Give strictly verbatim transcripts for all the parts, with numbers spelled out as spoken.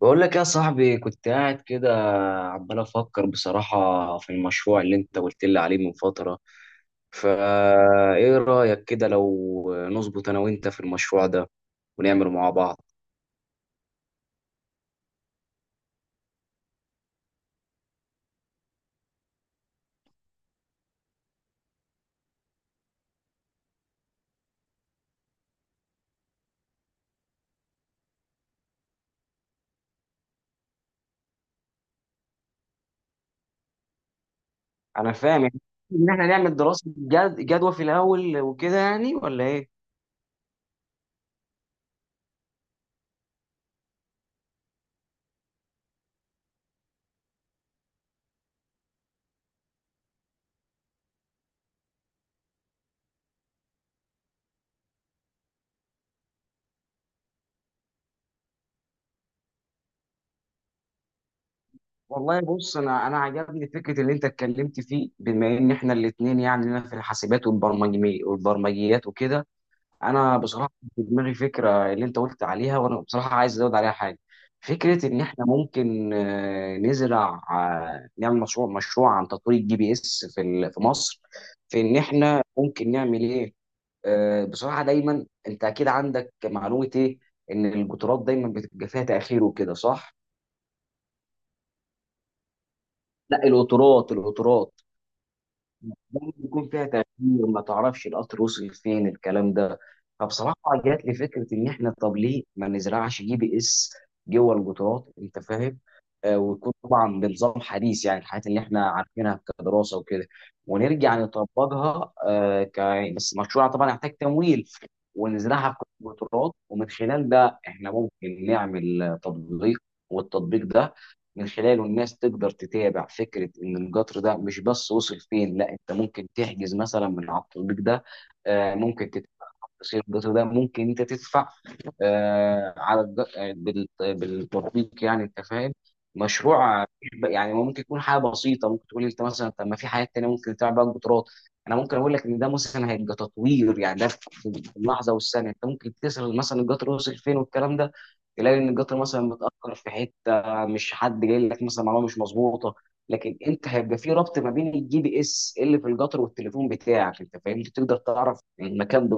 بقول لك يا صاحبي، كنت قاعد كده عمال افكر بصراحة في المشروع اللي انت قلت لي عليه من فترة. فا ايه رأيك كده لو نظبط انا وانت في المشروع ده ونعمله مع بعض؟ انا فاهم يعني ان احنا نعمل دراسة جد- جدوى في الاول وكده، يعني ولا ايه؟ والله بص، انا انا عجبني فكره اللي انت اتكلمت فيه، بما ان احنا الاثنين يعني لنا في الحاسبات والبرمجي والبرمجيات وكده. انا بصراحه في دماغي فكره اللي انت قلت عليها، وانا بصراحه عايز ازود عليها حاجه. فكره ان احنا ممكن آه، نزرع، آه، نعمل مشروع مشروع عن تطوير الجي بي اس في ال- في مصر، في ان احنا ممكن نعمل ايه. آه، بصراحه دايما انت اكيد عندك معلومه ايه، ان القطارات دايما بتبقى فيها تاخير وكده، صح؟ لا، القطارات القطارات دايما بيكون فيها تغيير، ما تعرفش القطر وصل فين، الكلام ده. فبصراحه جات لي فكره ان احنا طب ليه ما نزرعش جي بي اس جوه القطارات، انت فاهم؟ آه ويكون طبعا بنظام حديث، يعني الحاجات اللي احنا عارفينها كدراسه وكده، ونرجع نطبقها، آه ك بس مشروع طبعا يحتاج تمويل، ونزرعها في القطارات، ومن خلال ده احنا ممكن نعمل آه، تطبيق. والتطبيق ده من خلاله الناس تقدر تتابع فكرة إن القطر ده مش بس وصل فين، لا أنت ممكن تحجز مثلا من على التطبيق ده، آه، ممكن تدفع، تفاصيل القطر ده ممكن أنت تدفع آه، على الج- آه، بال- بالتطبيق، يعني انت فاهم. مشروع يعني ممكن يكون حاجه بسيطه، ممكن تقول لي انت مثلا طب ما في حاجات تانيه ممكن تعمل بقى القطارات، انا ممكن اقول لك ان ده مثلا هيبقى تطوير، يعني ده في في اللحظه والثانيه، انت ممكن تسال مثلا القطر وصل فين والكلام ده، تلاقي ان القطر مثلا متاخر في حته، مش حد جاي لك مثلا معلومه مش مظبوطه. لكن انت هيبقى في ربط ما بين الجي بي اس اللي في القطر والتليفون بتاعك، انت فاهم، تقدر تعرف المكان.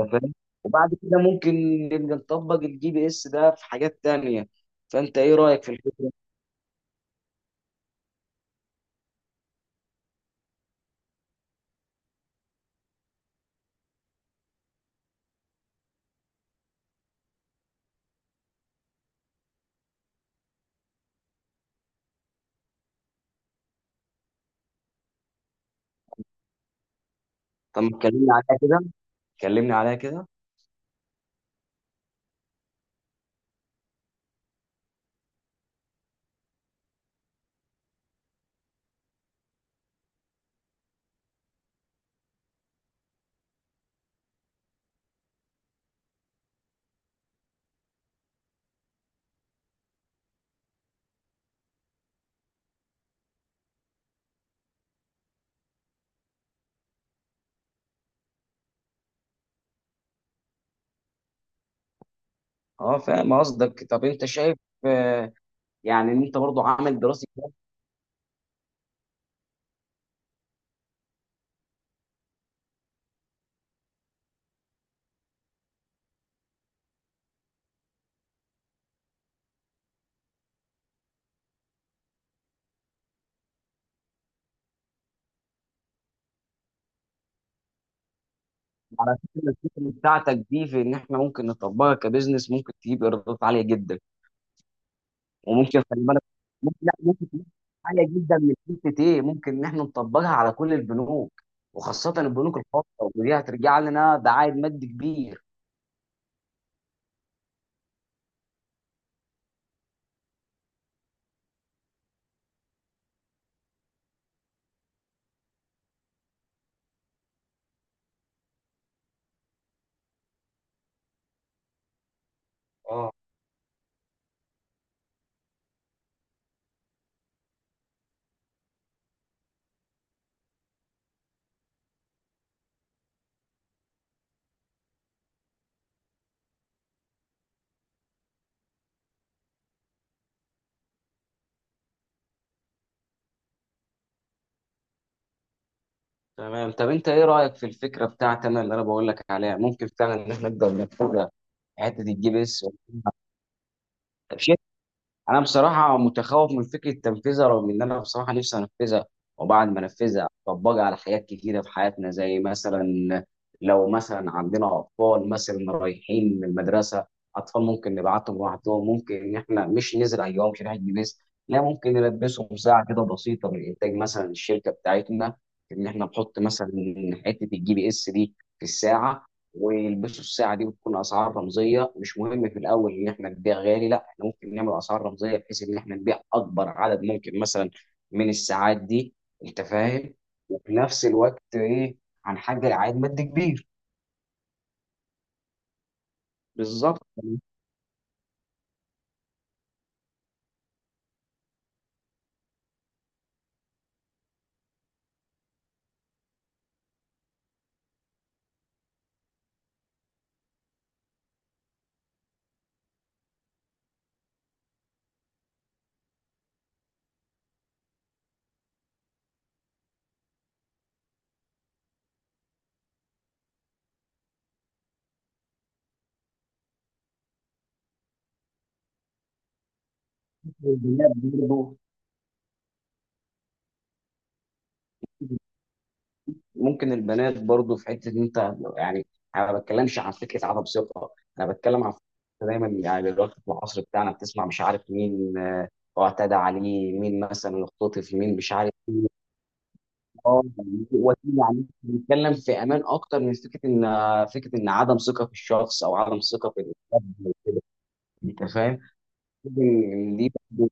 أنت فاهم، وبعد كده ممكن نبقى نطبق الجي بي اس ده في حاجات تانية. فانت ايه رأيك في الفكرة؟ طب كلمني عليها كده، كلمني عليها كده. اه، فاهم قصدك. طب انت شايف آه، يعني ان انت برضو عامل دراسة جدوى. على فكرة الفكرة بتاعتك دي، في ان احنا ممكن نطبقها كبزنس، ممكن تجيب ايرادات عالية جدا. وممكن خلي بالك، ممكن لا ممكن تجيب عالية جدا من حتة ايه؟ ممكن ان احنا نطبقها على كل البنوك، وخاصة البنوك الخاصة، ودي هترجع لنا، ده عائد مادي كبير. اه تمام. طب انت ايه رايك في الفكره بتاعت انا اللي انا بقول لك عليها؟ ممكن فعلا ان احنا نقدر نتبع حته الجي بي اس. انا بصراحه متخوف من فكره تنفيذها، رغم ان انا بصراحه نفسي انفذها، وبعد ما انفذها اطبقها على حاجات كتيره في حياتنا، زي مثلا لو مثلا عندنا اطفال مثلا رايحين من المدرسه. اطفال ممكن نبعتهم لوحدهم، ممكن ان احنا مش نزرع جواهم شريحه جبس، لا ممكن نلبسهم ساعه كده بسيطه من انتاج مثلا الشركه بتاعتنا. ان احنا نحط مثلا حته الجي بي اس دي في الساعه، ويلبسوا الساعه دي، وتكون اسعار رمزيه، مش مهم في الاول ان احنا نبيع غالي، لا احنا ممكن نعمل اسعار رمزيه بحيث ان احنا نبيع اكبر عدد ممكن مثلا من الساعات دي، انت فاهم؟ وفي نفس الوقت ايه، هنحقق عائد مادي كبير. بالظبط. البنات برضه. ممكن البنات برضه في حته إن انت يعني، انا ما بتكلمش عن فكره عدم ثقه، انا بتكلم عن فكرة. دايما يعني دلوقتي في العصر بتاعنا بتسمع مش عارف مين آه، اعتدى عليه، مين مثلا اختطف مين، مش عارف. اه يعني وسيله، يعني بنتكلم في امان اكتر من فكره ان فكره ان عدم ثقه في الشخص او عدم ثقه في الحد أو كده. انت فاهم؟ إن دي برضه-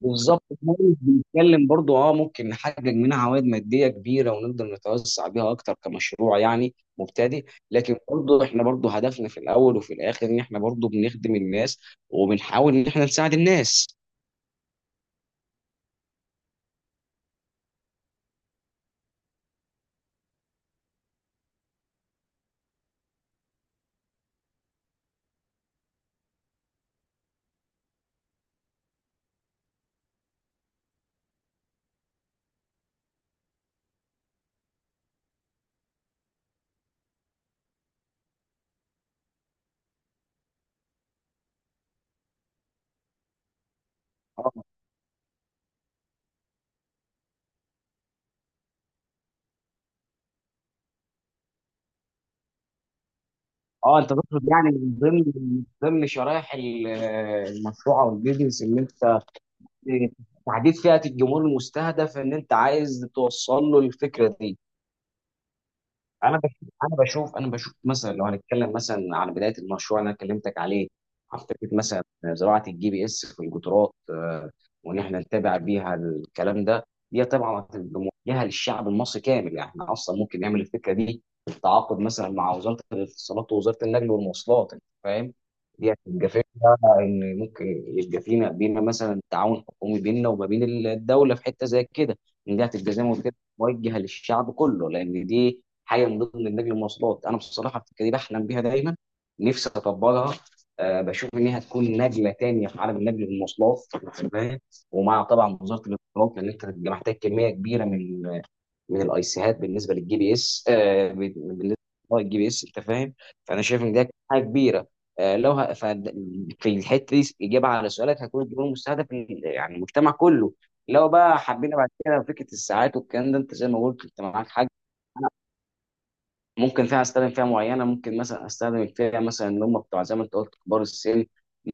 بالظبط، إحنا مش بنتكلم برضو، اه ممكن نحقق منها عوائد ماديه كبيره، ونقدر نتوسع بيها اكتر كمشروع يعني مبتدئ، لكن برضو احنا برضو هدفنا في الاول وفي الاخر ان احنا برضو بنخدم الناس، وبنحاول ان احنا نساعد الناس. اه. اه، انت تقصد يعني من ضمن من ضمن شرائح ال- المشروع او البيزنس، ان انت تحديد فئة الجمهور المستهدف ان انت عايز توصل له الفكرة دي. انا بش... انا بشوف انا بشوف مثلا، لو هنتكلم مثلا على بدايه المشروع اللي انا كلمتك عليه، عن فكره مثلا زراعه الجي بي اس في القطارات، آه، وان احنا نتابع بيها الكلام ده، دي طبعا هتبقى موجهه للشعب المصري كامل، يعني احنا اصلا ممكن نعمل الفكره دي بالتعاقد مثلا مع وزاره الاتصالات ووزاره النقل والمواصلات، انت فاهم؟ دي هتبقى فكره ان ممكن يبقى فينا بينا مثلا تعاون حكومي بيننا وما بين الدوله في حته زي كده، ان دي هتبقى زي ما قلت لك موجهه للشعب كله، لان دي حاجه من ضمن النقل المواصلات. انا بصراحه الفكره دي بحلم بيها دايما، نفسي اطبقها. أه بشوف ان هي هتكون نقله تانيه في عالم النقل المواصلات، فاهم؟ ومع طبعا وزاره الاتصالات، لان انت هتبقى محتاج كميه كبيره من من الايسيهات بالنسبه للجي بي اس، أه بالنسبه للجي بي اس انت فاهم. فانا شايف ان ده حاجه كبيره. أه لو ه... ف... في الحته دي اجابه على سؤالك، هتكون الجمهور المستهدف يعني المجتمع كله. لو بقى حبينا بعد كده فكره الساعات والكلام ده، انت زي ما قلت، انت معاك حق. ممكن فيها استخدم فئه معينه، ممكن مثلا استخدم الفئه مثلا اللي هم بتوع زي ما انت قلت كبار السن،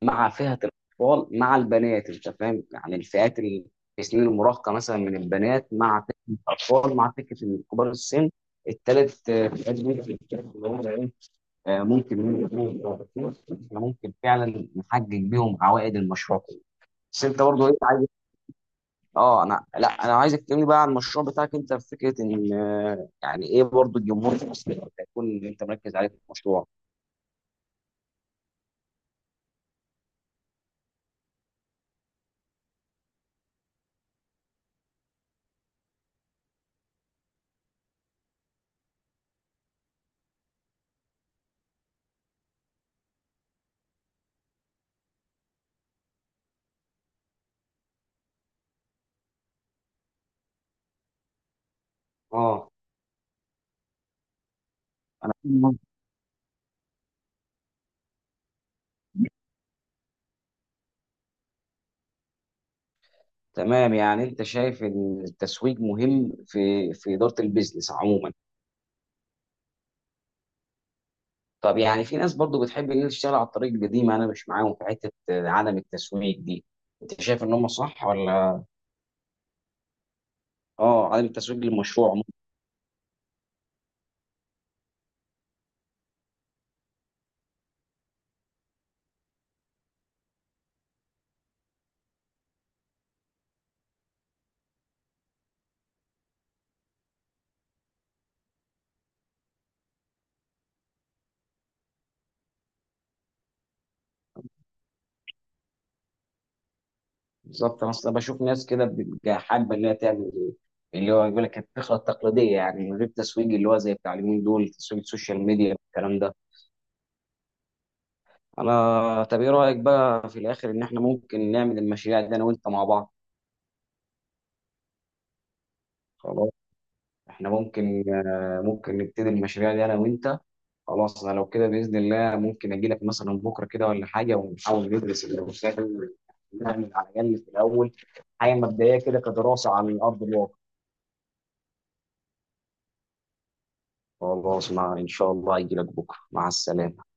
مع فئه الاطفال، مع البنات، انت فاهم؟ يعني الفئات اللي في سنين المراهقه مثلا من البنات، مع فئه الاطفال، مع فئه كبار السن. الثلاث فئات دول في الكتاب اللي هم ايه، آه، ممكن إحنا ممكن فعلا نحقق بيهم عوائد المشروع. بس انت برضه ايه عايز؟ اه، انا لا، انا عايزك تكلمني بقى عن المشروع بتاعك انت، في فكره ان آه، يعني ايه برضو الجمهور في مصر اللي هيكون انت مركز عليه في المشروع؟ اه. مم. تمام، يعني انت شايف ان التسويق مهم في في اداره البيزنس عموما. طب يعني في ناس برضو بتحب ان هي تشتغل على الطريق القديم، انا مش معاهم في حته آه، عدم التسويق دي، انت شايف ان هم صح ولا؟ اه، عدم التسويق للمشروع. بالظبط، انا اصلا بشوف ناس كده بتبقى حابه ان هي تعمل إيه؟ اللي هو يقول لك الفكره التقليديه، يعني من غير تسويق، اللي هو زي بتاع اليومين دول تسويق السوشيال ميديا والكلام ده. انا طب ايه رايك بقى في الاخر ان احنا ممكن نعمل المشاريع دي انا وانت مع بعض؟ خلاص، احنا ممكن آه، ممكن نبتدي المشاريع دي انا وانت. خلاص، انا لو كده باذن الله ممكن اجي لك مثلا بكره كده ولا حاجه ونحاول ندرس المشاريع دي، نعمل على الاقل في الاول حاجه مبدئيه كده كدراسه على ارض الواقع. خلاص، مع إن شاء الله هيجي لك بكرة، مع السلامة.